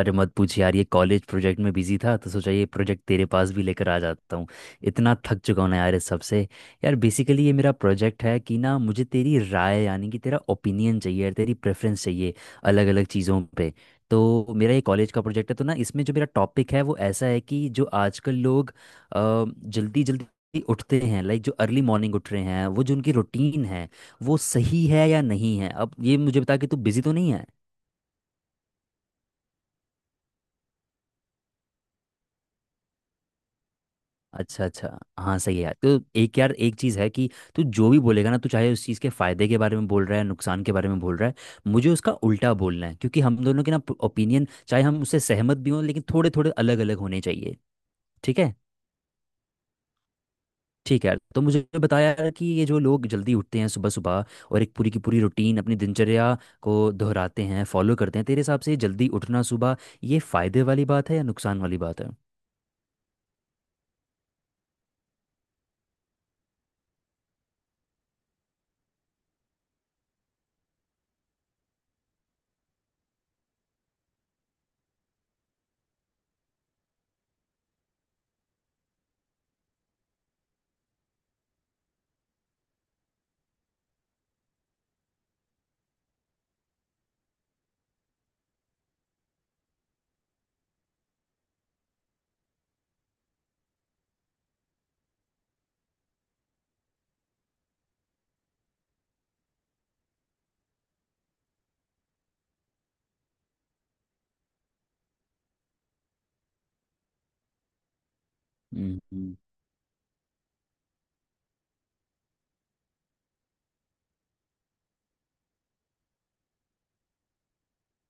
अरे मत पूछ यार, ये कॉलेज प्रोजेक्ट में बिजी था तो सोचा ये प्रोजेक्ट तेरे पास भी लेकर आ जाता हूँ। इतना थक चुका हूँ ना यार इस सबसे। यार बेसिकली ये मेरा प्रोजेक्ट है कि ना, मुझे तेरी राय यानी कि तेरा ओपिनियन चाहिए यार, तेरी प्रेफरेंस चाहिए अलग अलग चीज़ों पे। तो मेरा ये कॉलेज का प्रोजेक्ट है, तो ना इसमें जो मेरा टॉपिक है वो ऐसा है कि जो आजकल लोग जल्दी जल्दी उठते हैं, लाइक जो अर्ली मॉर्निंग उठ रहे हैं, वो जो उनकी रूटीन है, वो सही है या नहीं है। अब ये मुझे बता कि तू बिजी तो नहीं है। अच्छा अच्छा। हाँ सही है यार। तो एक यार एक चीज़ है कि तू जो भी बोलेगा ना, तू चाहे उस चीज़ के फायदे के बारे में बोल रहा है नुकसान के बारे में बोल रहा है, मुझे उसका उल्टा बोलना है, क्योंकि हम दोनों के ना ओपिनियन, चाहे हम उससे सहमत भी हों, लेकिन थोड़े थोड़े अलग अलग होने चाहिए। ठीक है। ठीक है यार। तो मुझे बताया यार कि ये जो लोग जल्दी उठते हैं सुबह सुबह, और एक पूरी की पूरी रूटीन अपनी दिनचर्या को दोहराते हैं फॉलो करते हैं, तेरे हिसाब से जल्दी उठना सुबह, ये फायदे वाली बात है या नुकसान वाली बात है? हम्म हम्म।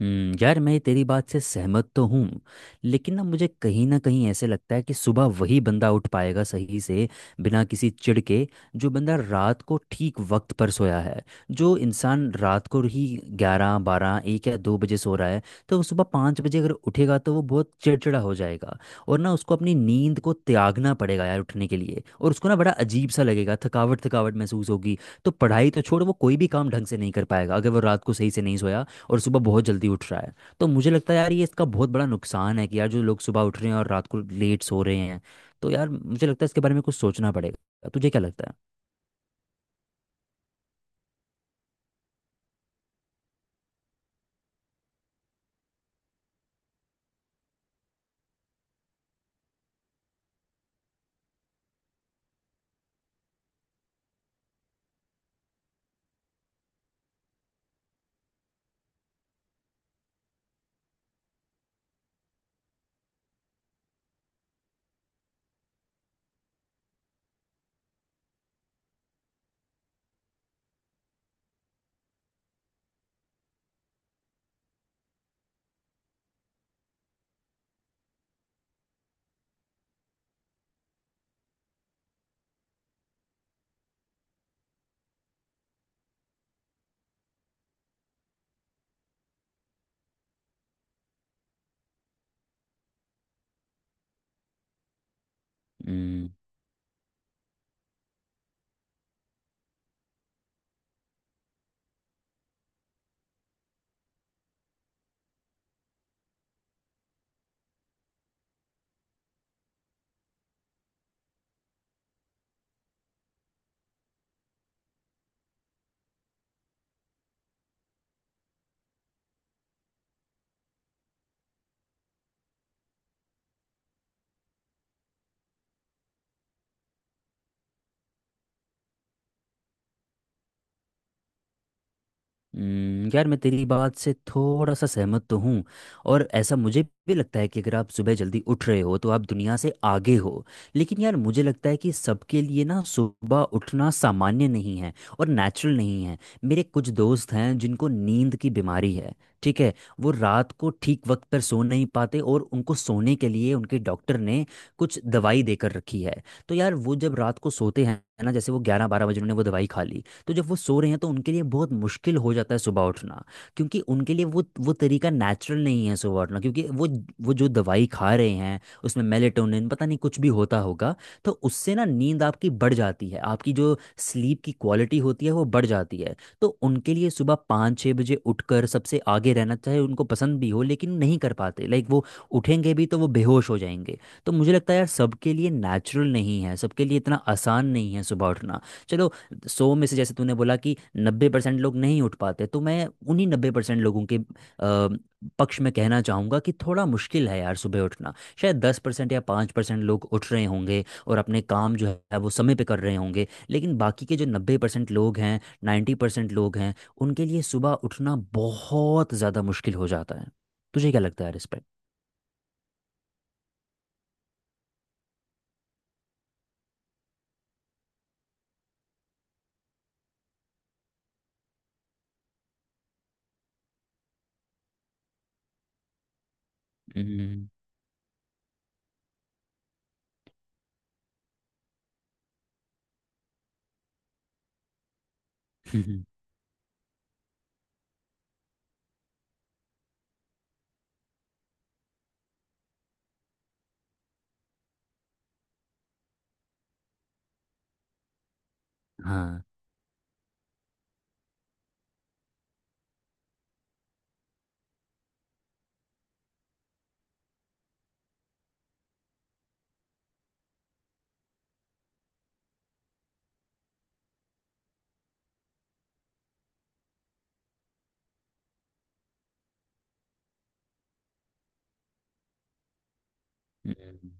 हम्म, यार मैं तेरी बात से सहमत तो हूँ, लेकिन ना मुझे कहीं ना कहीं ऐसे लगता है कि सुबह वही बंदा उठ पाएगा सही से, बिना किसी चिढ़ के, जो बंदा रात को ठीक वक्त पर सोया है। जो इंसान रात को ही 11 12 1 या 2 बजे सो रहा है, तो वो सुबह 5 बजे अगर उठेगा तो वो बहुत चिड़चिड़ा हो जाएगा, और ना उसको अपनी नींद को त्यागना पड़ेगा यार उठने के लिए, और उसको ना बड़ा अजीब सा लगेगा, थकावट थकावट महसूस होगी। तो पढ़ाई तो छोड़, वो कोई भी काम ढंग से नहीं कर पाएगा अगर वो रात को सही से नहीं सोया और सुबह बहुत जल्दी उठ रहा है। तो मुझे लगता है यार ये इसका बहुत बड़ा नुकसान है कि यार जो लोग सुबह उठ रहे हैं और रात को लेट सो रहे हैं। तो यार मुझे लगता है इसके बारे में कुछ सोचना पड़ेगा। तुझे क्या लगता है? यार मैं तेरी बात से थोड़ा सा सहमत तो हूँ, और ऐसा मुझे भी लगता है कि अगर आप सुबह जल्दी उठ रहे हो तो आप दुनिया से आगे हो। लेकिन यार मुझे लगता है कि सबके लिए ना सुबह उठना सामान्य नहीं है और नेचुरल नहीं है। मेरे कुछ दोस्त हैं जिनको नींद की बीमारी है, ठीक है। वो रात को ठीक वक्त पर सो नहीं पाते, और उनको सोने के लिए उनके डॉक्टर ने कुछ दवाई देकर रखी है। तो यार वो जब रात को सोते हैं ना, जैसे वो 11 12 बजे उन्होंने वो दवाई खा ली, तो जब वो सो रहे हैं तो उनके लिए बहुत मुश्किल हो जाता है सुबह उठना, क्योंकि उनके लिए वो तरीका नेचुरल नहीं है सुबह उठना, क्योंकि वो जो दवाई खा रहे हैं उसमें मेलेटोनिन पता नहीं कुछ भी होता होगा। तो उससे ना नींद आपकी बढ़ जाती है, आपकी जो स्लीप की क्वालिटी होती है वो बढ़ जाती है। तो उनके लिए सुबह 5 6 बजे उठकर सबसे आगे रहना, चाहे उनको पसंद भी हो, लेकिन नहीं कर पाते, लाइक वो उठेंगे भी तो वो बेहोश हो जाएंगे। तो मुझे लगता है यार सबके लिए नेचुरल नहीं है, सबके लिए इतना आसान नहीं है सुबह उठना। चलो, 100 में से जैसे तूने बोला कि 90% लोग नहीं उठ पाते, तो मैं उन्हीं 90% लोगों के पक्ष में कहना चाहूँगा कि थोड़ा मुश्किल है यार सुबह उठना। शायद 10% या 5% लोग उठ रहे होंगे और अपने काम जो है वो समय पे कर रहे होंगे, लेकिन बाकी के जो 90% लोग हैं, 90% लोग हैं, उनके लिए सुबह उठना बहुत ज़्यादा मुश्किल हो जाता है। तुझे क्या लगता है यार इस पर? हम्म, हाँ। हम्म,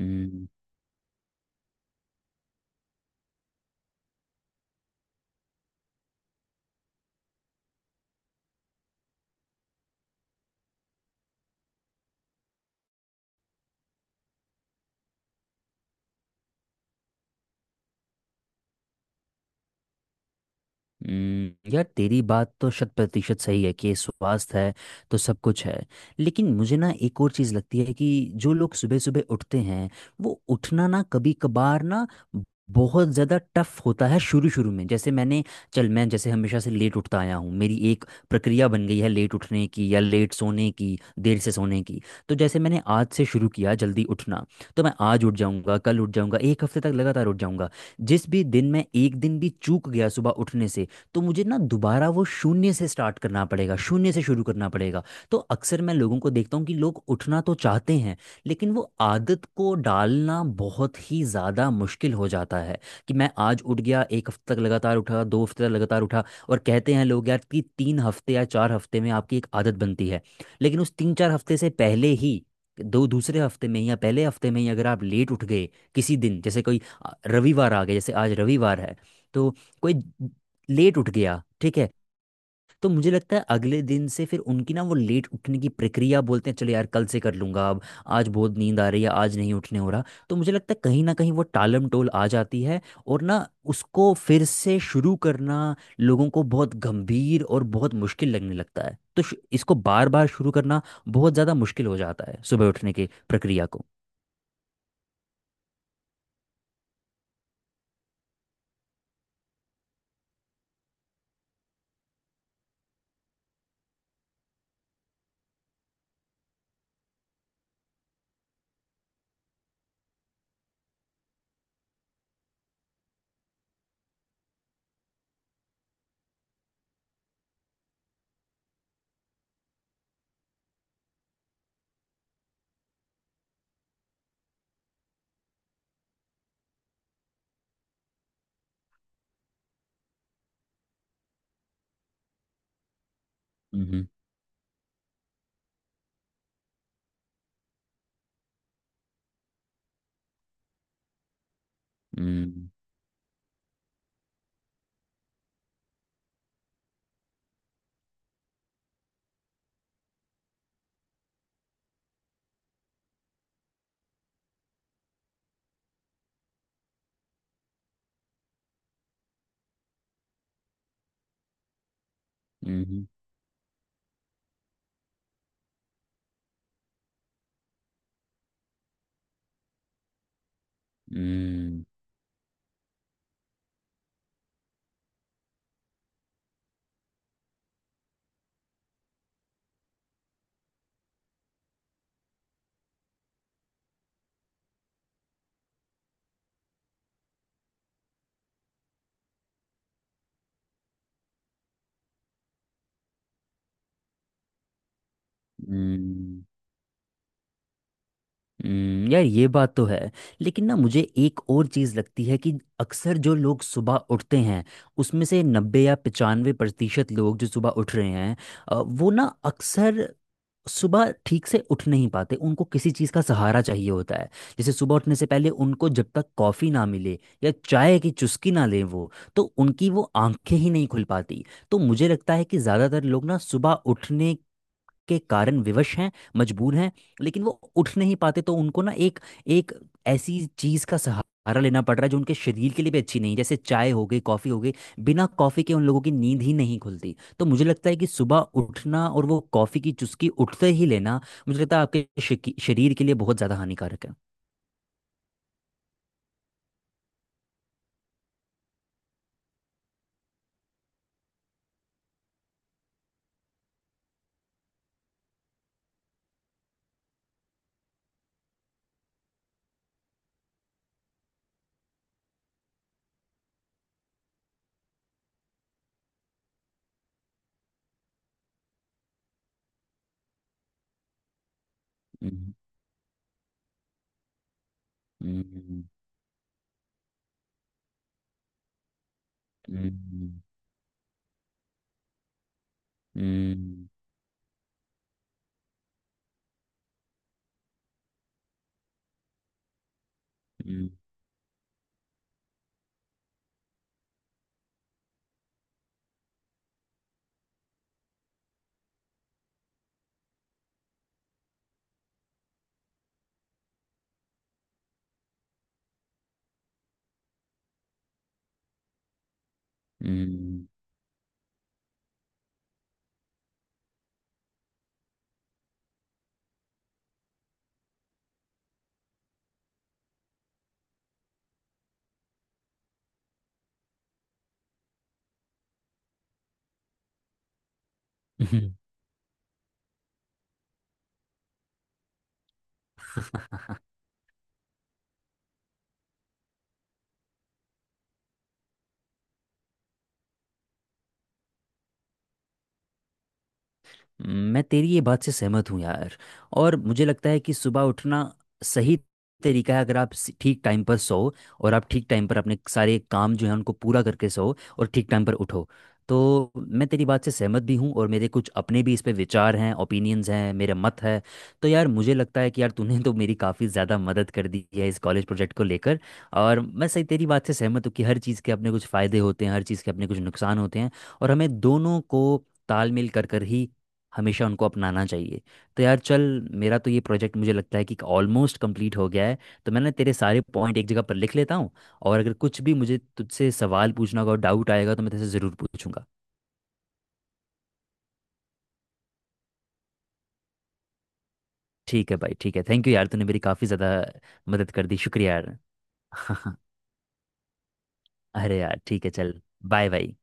हम्म, यार तेरी बात तो 100% सही है कि स्वास्थ्य है तो सब कुछ है। लेकिन मुझे ना एक और चीज़ लगती है कि जो लोग सुबह सुबह उठते हैं, वो उठना ना कभी कभार ना बहुत ज़्यादा टफ होता है शुरू शुरू में, जैसे मैंने, चल मैं जैसे हमेशा से लेट उठता आया हूँ, मेरी एक प्रक्रिया बन गई है लेट उठने की या लेट सोने की, देर से सोने की। तो जैसे मैंने आज से शुरू किया जल्दी उठना, तो मैं आज उठ जाऊँगा, कल उठ जाऊँगा, 1 हफ्ते तक लगातार उठ जाऊँगा। जिस भी दिन मैं एक दिन भी चूक गया सुबह उठने से, तो मुझे ना दोबारा वो शून्य से स्टार्ट करना पड़ेगा, शून्य से शुरू करना पड़ेगा। तो अक्सर मैं लोगों को देखता हूँ कि लोग उठना तो चाहते हैं, लेकिन वो आदत को डालना बहुत ही ज़्यादा मुश्किल हो जाता है। कि मैं आज उठ गया, एक हफ्ते तक लगातार उठा, 2 हफ्ते तक लगातार उठा, और कहते हैं लोग यार कि 3 हफ्ते या 4 हफ्ते में आपकी एक आदत बनती है। लेकिन उस 3 4 हफ्ते से पहले ही, दो दूसरे हफ्ते में या पहले हफ्ते में ही अगर आप लेट उठ गए किसी दिन, जैसे कोई रविवार आ गया, जैसे आज रविवार है, तो कोई लेट उठ गया, ठीक है। तो मुझे लगता है अगले दिन से फिर उनकी ना वो लेट उठने की प्रक्रिया, बोलते हैं चलो यार कल से कर लूंगा अब, आज बहुत नींद आ रही है, आज नहीं उठने हो रहा, तो मुझे लगता है कहीं ना कहीं वो टालम टोल आ जाती है। और ना उसको फिर से शुरू करना लोगों को बहुत गंभीर और बहुत मुश्किल लगने लगता है, तो इसको बार बार शुरू करना बहुत ज़्यादा मुश्किल हो जाता है, सुबह उठने की प्रक्रिया को। हम्म हम्म हम्म हम्म हम्म यार ये बात तो है। लेकिन ना मुझे एक और चीज़ लगती है कि अक्सर जो लोग सुबह उठते हैं, उसमें से नब्बे या 95% लोग जो सुबह उठ रहे हैं, वो ना अक्सर सुबह ठीक से उठ नहीं पाते, उनको किसी चीज़ का सहारा चाहिए होता है। जैसे सुबह उठने से पहले उनको जब तक कॉफ़ी ना मिले या चाय की चुस्की ना लें वो, तो उनकी वो आंखें ही नहीं खुल पाती। तो मुझे लगता है कि ज़्यादातर लोग ना सुबह उठने के कारण विवश हैं, मजबूर हैं, लेकिन वो उठ नहीं पाते, तो उनको ना एक एक ऐसी चीज का सहारा लेना पड़ रहा है जो उनके शरीर के लिए भी अच्छी नहीं है, जैसे चाय हो गई, कॉफी हो गई। बिना कॉफी के उन लोगों की नींद ही नहीं खुलती, तो मुझे लगता है कि सुबह उठना और वो कॉफी की चुस्की उठते ही लेना, मुझे लगता है आपके शरीर के लिए बहुत ज्यादा हानिकारक है। हम्म, हम्म, हम्म, हम्म, हम्म, हम्म, हम्म, मैं तेरी ये बात से सहमत हूँ यार, और मुझे लगता है कि सुबह उठना सही तरीका है, अगर आप ठीक टाइम पर सो, और आप ठीक टाइम पर अपने सारे काम जो है उनको पूरा करके सो, और ठीक टाइम पर उठो, तो मैं तेरी बात से सहमत भी हूँ, और मेरे कुछ अपने भी इस पे विचार हैं, ओपिनियंस हैं, मेरे मत है। तो यार मुझे लगता है कि यार तूने तो मेरी काफ़ी ज़्यादा मदद कर दी है इस कॉलेज प्रोजेक्ट को लेकर, और मैं सही तेरी बात से सहमत हूँ कि हर चीज़ के अपने कुछ फ़ायदे होते हैं, हर चीज़ के अपने कुछ नुकसान होते हैं, और हमें दोनों को तालमेल कर कर ही हमेशा उनको अपनाना चाहिए। तो यार चल, मेरा तो ये प्रोजेक्ट मुझे लगता है कि ऑलमोस्ट कंप्लीट हो गया है, तो मैं ना तेरे सारे पॉइंट एक जगह पर लिख लेता हूँ, और अगर कुछ भी मुझे तुझसे सवाल पूछना होगा, डाउट आएगा, तो मैं तेरे से ज़रूर पूछूंगा। ठीक है भाई, ठीक है, थैंक यू यार, तूने मेरी काफ़ी ज़्यादा मदद कर दी, शुक्रिया यार। अरे यार ठीक है चल, बाय बाय।